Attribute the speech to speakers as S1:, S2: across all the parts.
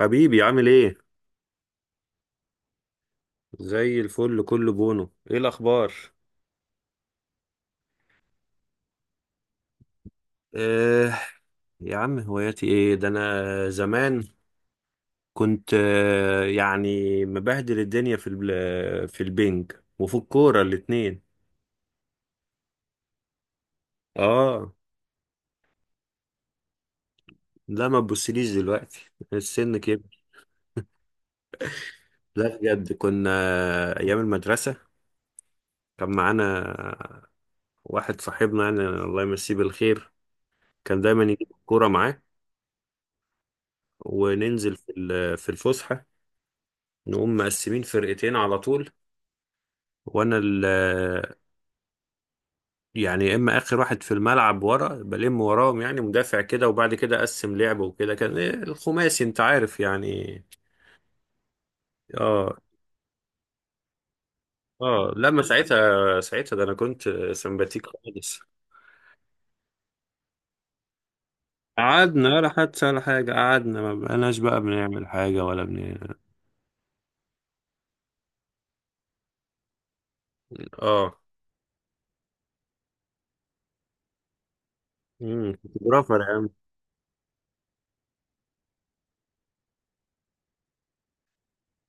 S1: حبيبي، عامل ايه؟ زي الفل، كله بونو. ايه الاخبار؟ آه يا عم هواياتي ايه؟ ده انا زمان كنت يعني مبهدل الدنيا في البنج وفي الكوره الاتنين. اه، لا ما تبصليش دلوقتي، السن كبر. لا بجد كنا ايام المدرسه كان معانا واحد صاحبنا، يعني الله يمسيه بالخير، كان دايما يجيب الكوره معاه وننزل في الفسحه، نقوم مقسمين فرقتين على طول. وانا ال يعني يا اما اخر واحد في الملعب ورا بلم وراهم، يعني مدافع كده، وبعد كده اقسم لعب، وكده، كان إيه، الخماسي انت عارف يعني. اه، اه، لما ساعتها ده انا كنت سمباتيك خالص. قعدنا ولا حتى ولا حاجة، قعدنا ما بقناش بقى بنعمل حاجة ولا بن. اه، كنت برافر يا عم.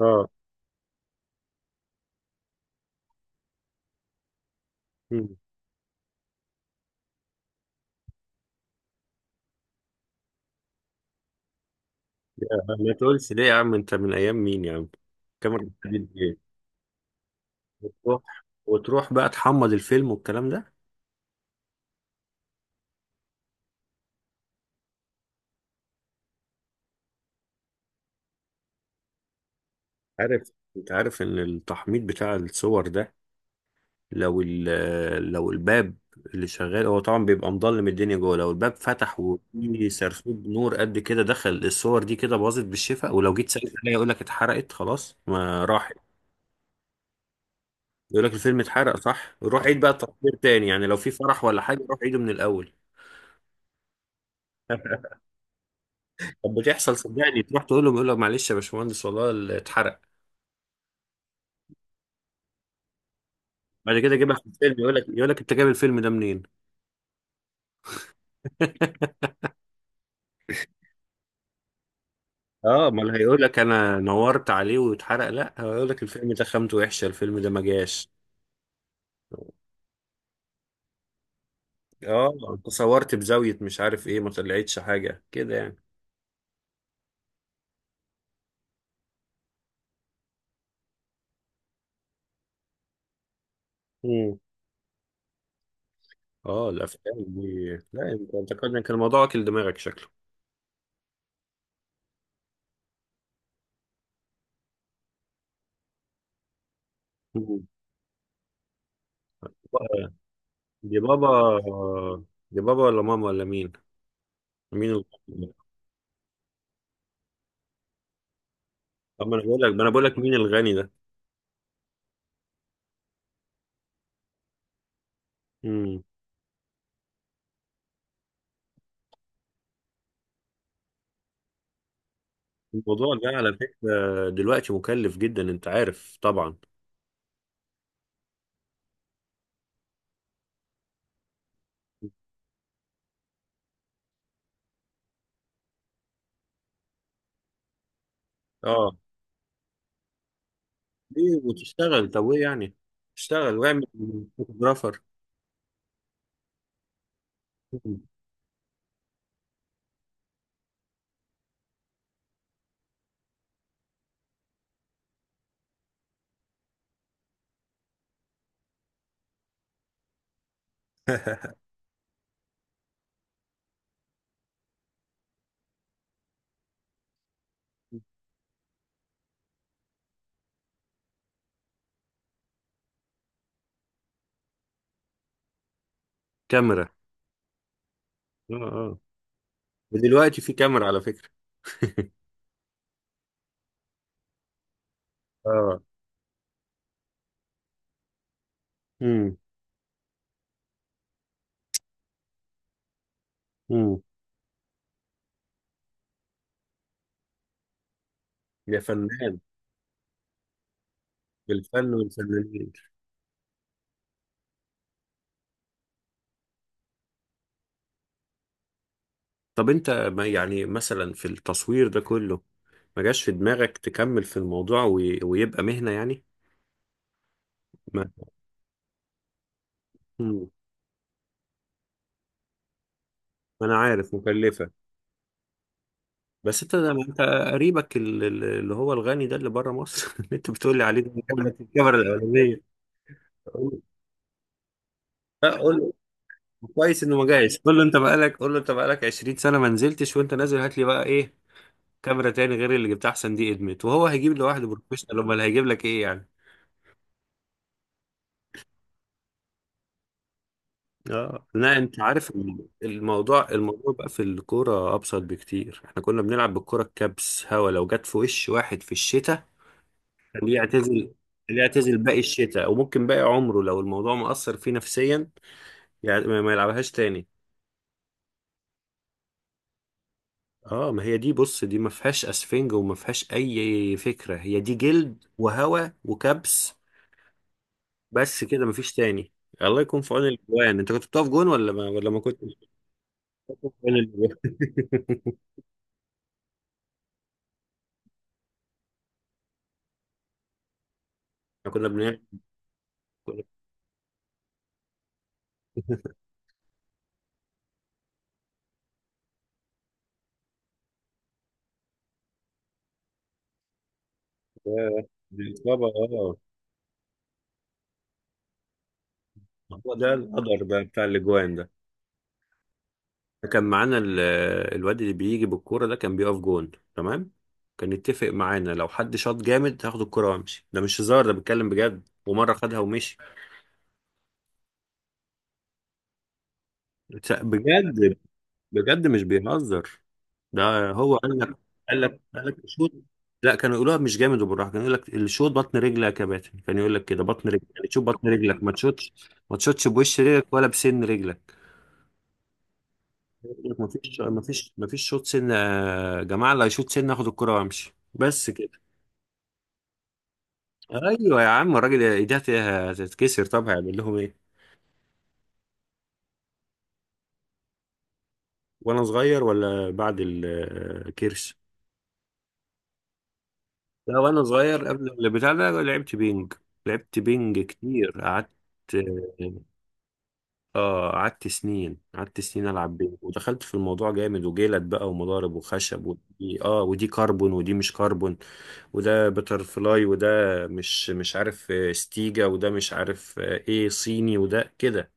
S1: اه. مم. عم، ما تقولش ليه يا عم، انت من ايام مين يا عم؟ كاميرا بتعمل ايه وتروح بقى تحمض الفيلم والكلام ده؟ عارف انت عارف ان التحميض بتاع الصور ده، لو الباب اللي شغال هو طبعا بيبقى مضلم الدنيا جوه، لو الباب فتح وفي سرسوب نور قد كده دخل، الصور دي كده باظت بالشفا. ولو جيت سألت عليها يقول لك اتحرقت خلاص، ما راحت. يقول لك الفيلم اتحرق، صح، روح عيد بقى التصوير تاني، يعني لو في فرح ولا حاجه روح عيده من الاول. طب بتحصل، صدقني، تروح تقول له، بيقول لك معلش يا باشمهندس والله اتحرق. بعد كده جيبها في الفيلم، يقول لك انت جايب الفيلم ده منين؟ اه، ما اللي هيقول لك انا نورت عليه واتحرق، لا هيقول لك الفيلم ده خامته وحشه، الفيلم ده ما جاش. اه، انت صورت بزاويه مش عارف ايه، ما طلعتش حاجه كده يعني. مم. اه، الافلام دي، لا انت انت كان كان الموضوع واكل دماغك شكله. مم. بقى- دي بابا دي بابا ولا ماما ولا مين؟ مين الغني ده؟ اما انا بقول لك ما انا بقول لك مين الغني ده. مم. الموضوع ده على فكره دلوقتي مكلف جدا، انت عارف طبعا. اه، ليه وتشتغل؟ طب ايه يعني؟ اشتغل واعمل فوتوغرافر. كاميرا، اه، اه، ودلوقتي في كاميرا على فكرة. اه. امم. امم. يا فنان، بالفن والفنانين. طب انت ما يعني مثلا في التصوير ده كله ما جاش في دماغك تكمل في الموضوع وي... ويبقى مهنة يعني؟ ما مم. انا عارف مكلفة. بس انت ده، ما انت قريبك ال- ال- اللي هو الغني ده اللي بره مصر، اللي انت بتقول لي عليه ده، الكاميرا الاولانية. قول- لا قول، كويس انه ما جاش. قول له انت بقالك، قول له انت بقالك 20 سنه ما نزلتش، وانت نازل هات لي بقى ايه، كاميرا تاني غير اللي جبتها، احسن دي ادمت. وهو هيجيب لوحده بروفيشنال؟ امال هيجيب لك ايه يعني؟ اه، لا انت عارف، الموضوع بقى في الكوره ابسط بكتير. احنا كنا بنلعب بالكوره الكبس، هوا، لو جت في وش واحد في الشتاء كان يعتزل، اللي يعتزل باقي الشتاء، وممكن باقي عمره لو الموضوع مأثر فيه نفسيا، يعني ما يلعبهاش تاني. اه، ما هي دي، بص، دي ما فيهاش اسفنج وما فيهاش اي فكره، هي دي جلد وهوا وكبس. بس كده، ما فيش تاني. الله يكون في عون الاجوان. انت كنت بتقف جون ولا ما كنتش؟ بتقف في عون الاجوان. احنا كنا بنعمل كنا- ياه، دي الاصابه، اه. هو ده القدر بقى بتاع الاجوان ده. كان معانا الواد اللي بيجي بالكوره ده، كان بيقف جون تمام. كان يتفق معانا، لو حد شاط جامد هاخد الكوره وامشي، ده مش هزار، ده بيتكلم بجد، ومره خدها ومشي. بجد، بجد مش بيهزر. ده هو قال لك شوط. لا كانوا يقولوها مش جامد وبالراحه، كانوا يقول لك الشوط بطن رجلك يا كباتن، كان يقول لك كده بطن رجلك، يعني تشوف بطن رجلك، ما تشوتش، ما تشوتش بوش رجلك ولا بسن رجلك. يقول لك ما فيش شوط سن يا جماعه، اللي هيشوط سن اخد الكره وامشي، بس كده. ايوه يا عم، الراجل ايديها هتتكسر، طب هيعمل لهم ايه؟ وانا صغير ولا بعد الكرش؟ لا وانا صغير قبل البتاع ده لعبت بينج لعبت بينج كتير، قعدت. اه، قعدت سنين، قعدت سنين العب بينج، ودخلت في الموضوع جامد، وجلد بقى ومضارب وخشب، ودي ودي كربون ودي مش كربون، وده بتر فلاي، وده مش عارف ستيجا، وده مش عارف ايه صيني، وده كده.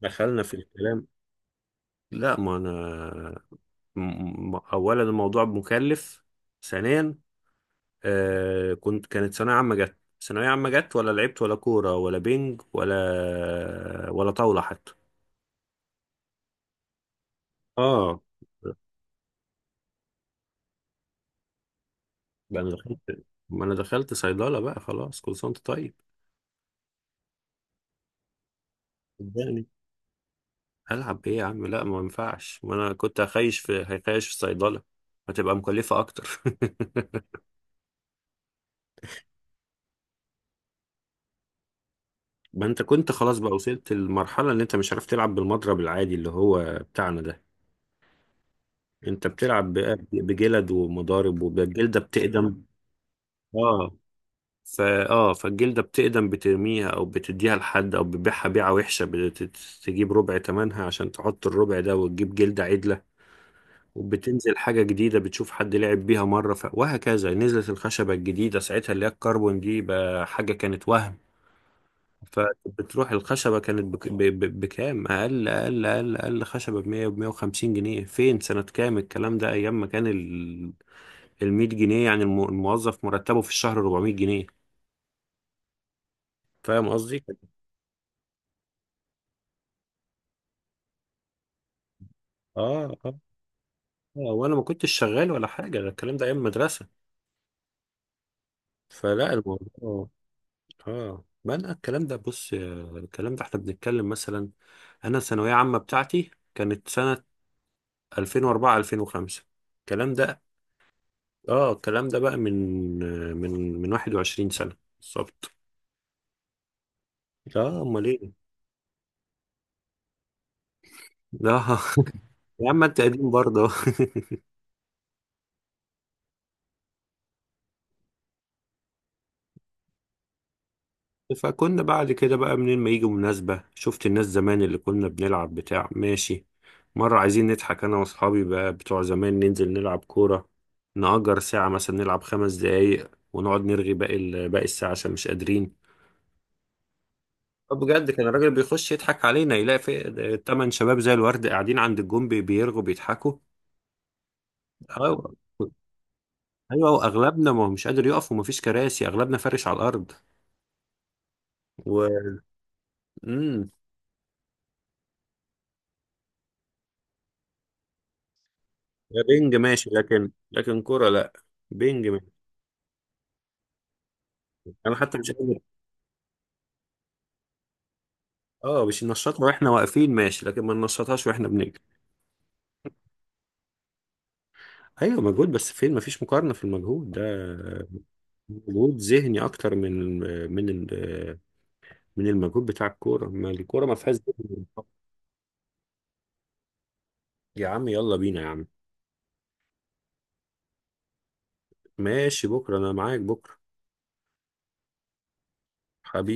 S1: دخلنا في الكلام. لا ما انا اولا الموضوع مكلف، ثانيا كانت ثانوية عامة جت، ولا لعبت ولا كورة ولا بينج ولا طاولة حتى. اه، بقى انا دخلت، ما انا دخلت صيدلة بقى خلاص، كل سنة وانت طيب يعني. هلعب ايه يا عم؟ لا ما ينفعش، ما انا كنت هخيش في هيخيش في الصيدلة، هتبقى مكلفة اكتر. ما انت كنت خلاص بقى، وصلت المرحلة اللي انت مش عارف تلعب بالمضرب العادي اللي هو بتاعنا ده. انت بتلعب بقى بجلد ومضارب، والجلدة بتقدم. اه، فا اه فالجلدة بتقدم، بترميها أو بتديها لحد أو بتبيعها بيعة وحشة، بتجيب ربع تمنها عشان تحط الربع ده وتجيب جلدة عدلة. وبتنزل حاجة جديدة، بتشوف حد لعب بيها مرة ف... وهكذا. نزلت الخشبة الجديدة ساعتها اللي هي الكربون دي، بقى حاجة كانت وهم. فبتروح الخشبة كانت بكام، أقل أقل أقل أقل، خشبة بـ150 جنيه. فين سنة كام الكلام ده؟ أيام ما كان ال... الـ100 جنيه يعني، الموظف مرتبه في الشهر 400 جنيه. فاهم قصدي؟ اه. آه. آه، وانا ما كنتش شغال ولا حاجه، ده الكلام ده ايام المدرسه. فلا الموضوع، اه، ما انا الكلام ده، بص، الكلام ده احنا بنتكلم مثلا، انا الثانويه عامه بتاعتي كانت سنه 2004 2005، الكلام ده. اه، الكلام ده بقى من، من 21 سنه بالظبط. اه، امال ايه؟ لا. يا عم انت قديم برضه. فكنا بعد كده بقى، منين ما يجي مناسبة، شفت الناس زمان اللي كنا بنلعب بتاع، ماشي، مرة عايزين نضحك أنا وأصحابي بقى بتوع زمان، ننزل نلعب كورة، نأجر ساعة مثلا، نلعب 5 دقايق ونقعد نرغي باقي ال- باقي الساعة، عشان مش قادرين. طب بجد، كان الراجل بيخش يضحك علينا، يلاقي في تمن شباب زي الورد قاعدين عند الجون، بيرغوا بيضحكوا. أيوة، أيوة، وأغلبنا ما هو مش قادر يقف، ومفيش كراسي، أغلبنا فارش على الأرض. و... مم. بينج ماشي، لكن كورة لأ. بينج، انا حتى مش قادر. اه، مش ننشطها واحنا واقفين، ماشي، لكن ما ننشطهاش واحنا بنجري. ايوه مجهود، بس فين، ما فيش مقارنه في المجهود ده. مجهود ذهني اكتر من، من ال- من المجهود بتاع الكوره، ما الكوره ما فيهاش ذهن. يا عم يلا بينا يا عم. ماشي بكره، انا معاك بكره. حبيبي.